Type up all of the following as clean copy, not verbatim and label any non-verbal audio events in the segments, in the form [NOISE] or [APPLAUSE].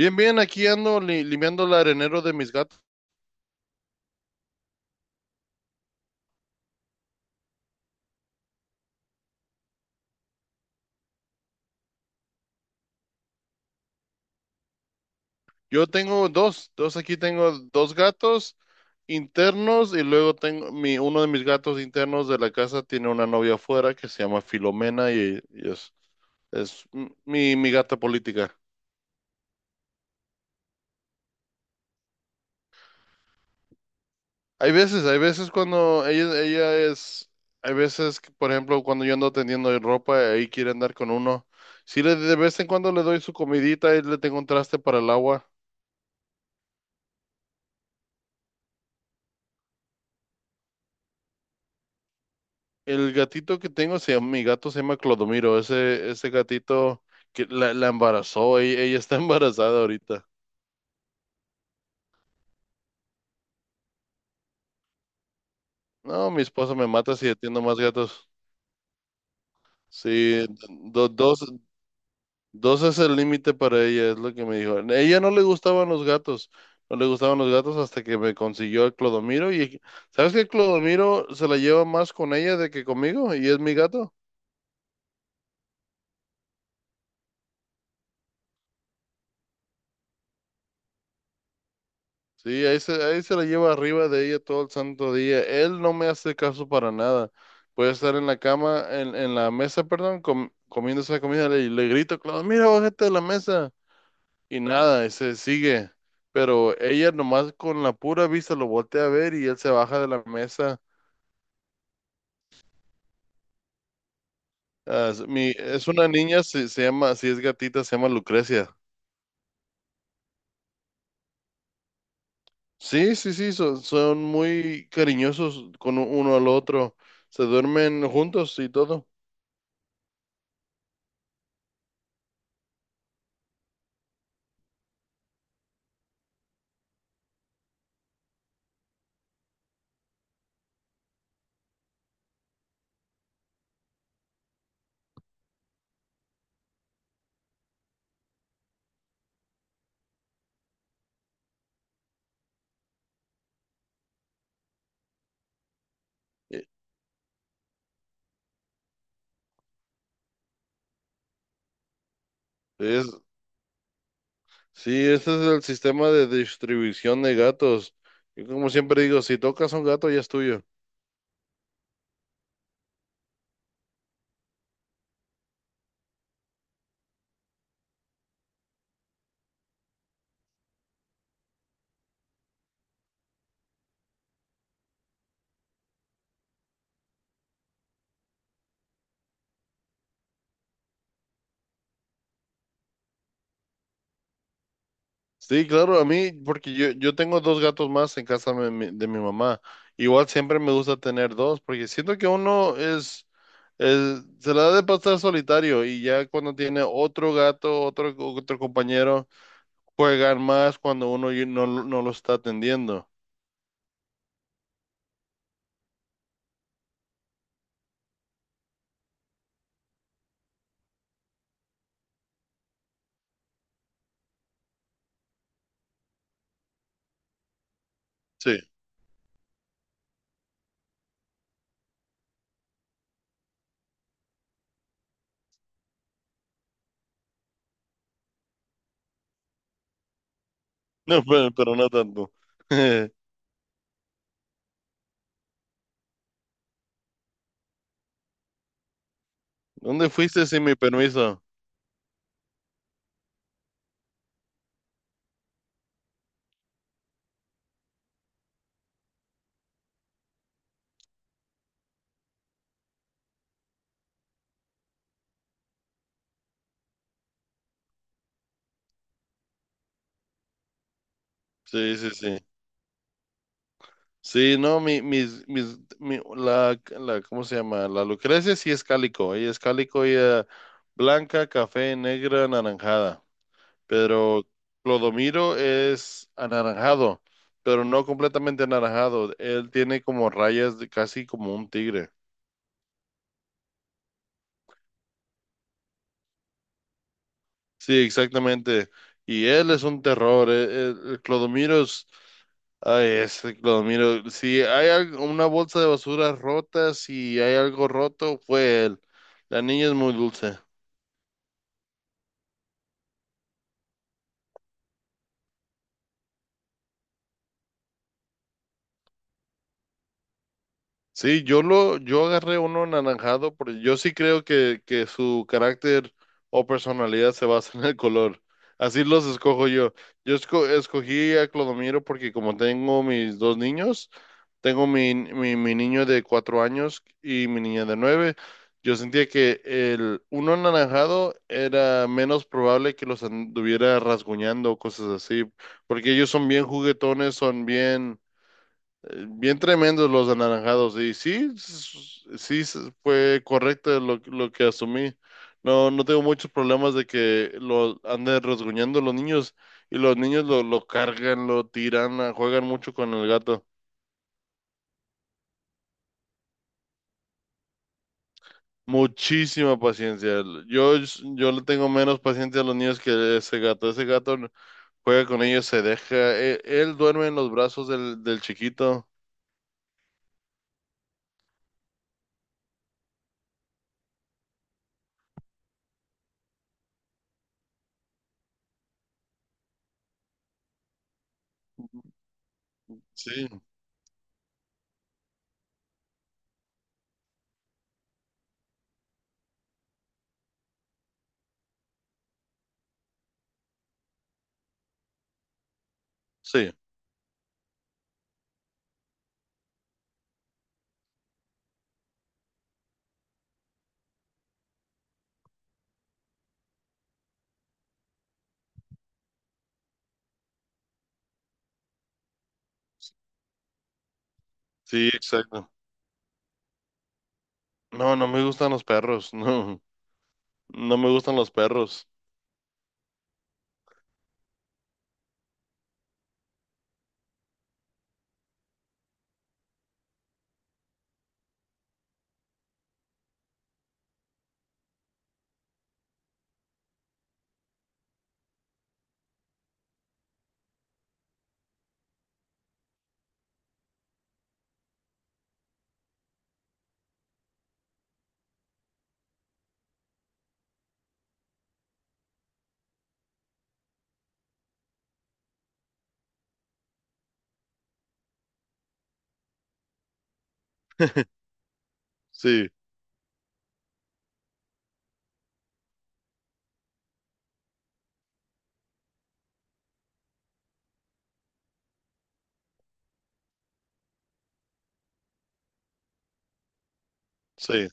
Bien, bien, aquí ando limpiando el arenero de mis gatos. Yo tengo dos, aquí tengo dos gatos internos, y luego tengo mi uno de mis gatos internos de la casa tiene una novia afuera que se llama Filomena y es mi gata política. Hay veces cuando ella es, hay veces que, por ejemplo, cuando yo ando tendiendo ropa, ahí quiere andar con uno. Sí, de vez en cuando le doy su comidita y le tengo un traste para el agua. El gatito que tengo se llama, Mi gato se llama Clodomiro. Ese gatito que la embarazó, ella está [LAUGHS] embarazada ahorita. No, mi esposa me mata si atiendo más gatos. Sí, dos, dos es el límite para ella, es lo que me dijo. A ella no le gustaban los gatos, no le gustaban los gatos hasta que me consiguió el Clodomiro. Y sabes que Clodomiro se la lleva más con ella de que conmigo, y es mi gato. Sí, ahí se la lleva arriba de ella todo el santo día. Él no me hace caso para nada. Puede estar en la cama, en la mesa, perdón, comiendo esa comida, y le grito, Claudio, mira, bájate de la mesa. Y nada, y se sigue. Pero ella nomás con la pura vista lo voltea a ver y él se baja de la mesa. Ah, es mi, es una niña, se llama, si es gatita, se llama Lucrecia. Sí, sí, sí, son muy cariñosos con uno al otro. Se duermen juntos y todo. E, Es, Sí, este es el sistema de distribución de gatos. Y como siempre digo, si tocas a un gato ya es tuyo. Sí, claro, a mí, porque yo tengo dos gatos más en casa de mi mamá. Igual siempre me gusta tener dos, porque siento que uno se la da de pasar solitario, y ya cuando tiene otro gato, otro compañero, juegan más cuando uno no lo está atendiendo. Sí, [LAUGHS] no, pero no tanto. [LAUGHS] ¿Dónde fuiste sin mi permiso? Sí, sí, sí. Sí, no, mi, mis, mis, mi- la, ¿cómo se llama? La Lucrecia sí es cálico, ella blanca, café, negra, anaranjada, pero Clodomiro es anaranjado, pero no completamente anaranjado, él tiene como rayas de casi como un tigre. Sí, exactamente. Y él es un terror. El Clodomiro es, ay, ese Clodomiro. Si hay algo- Una bolsa de basura rota, si hay algo roto, fue él. La niña es muy dulce. Sí, yo agarré uno anaranjado, porque yo sí creo que su carácter o personalidad se basa en el color. Así los escojo yo. Escogí a Clodomiro porque como tengo mis dos niños, tengo mi niño de 4 años y mi niña de 9. Yo sentía que el uno anaranjado era menos probable que los anduviera rasguñando o cosas así, porque ellos son bien juguetones, son bien tremendos los anaranjados. Y sí, fue correcto lo que asumí. No, no tengo muchos problemas de que lo anden rasguñando los niños, y los niños lo cargan, lo tiran, ah, juegan mucho con el gato. Muchísima paciencia. Yo, yo le tengo menos paciencia a los niños que ese gato. Ese gato juega con ellos, se deja. Él duerme en los brazos del chiquito. Sí, sí, sí, exacto. No, no me gustan los perros, [LAUGHS] no. No me gustan los perros. Sí, sí.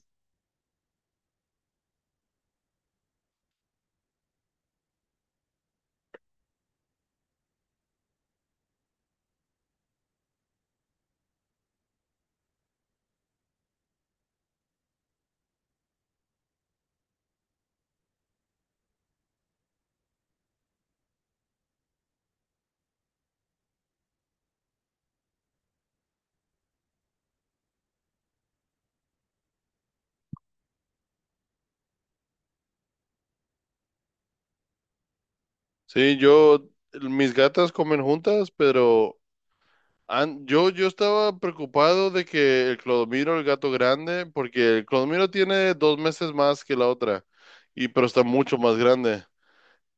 Sí, yo, mis gatas comen juntas, pero yo estaba preocupado de que el Clodomiro, el gato grande, porque el Clodomiro tiene 2 meses más que la otra, y pero está mucho más grande.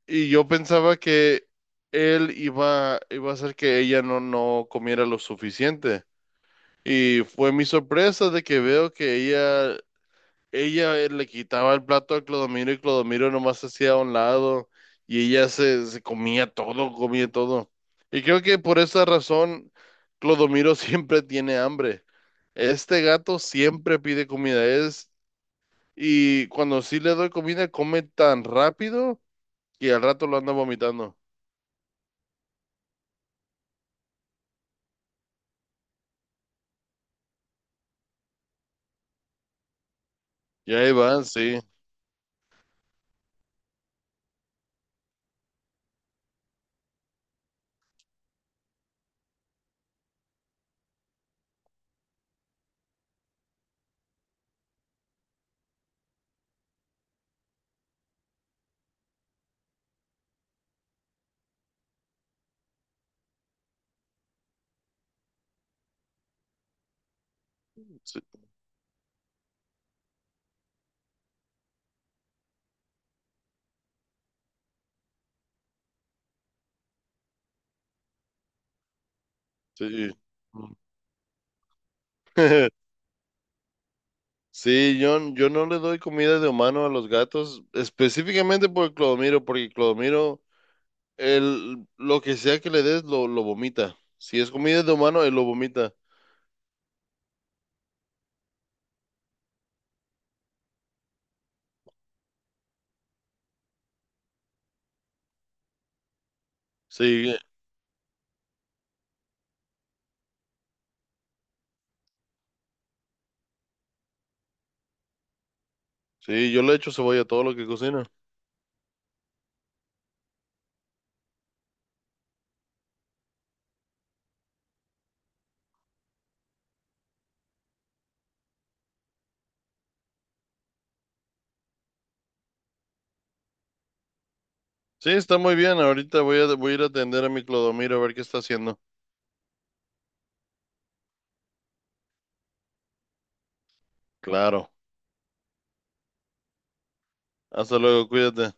Y yo pensaba que él iba a hacer que ella no comiera lo suficiente. Y fue mi sorpresa de que veo que ella Ella le quitaba el plato a Clodomiro, y Clodomiro nomás se hacía a un lado, y se comía todo, comía todo. Y creo que por esa razón Clodomiro [LAUGHS] siempre tiene hambre. Este gato siempre pide comida, es y cuando sí le doy comida come tan rápido que al rato lo anda vomitando. Y ahí van, sí, sí, sí. [LAUGHS] Sí, yo no le doy comida de humano a los gatos, específicamente por Clodomiro, porque lo que sea que le des, lo vomita. Si es comida de humano, él lo vomita. Sí, sí, yo le echo cebolla a todo lo que cocina. Sí, está muy bien. Ahorita voy a, voy a ir a atender a mi Clodomiro a ver qué está haciendo. Claro. Hasta luego, cuídate.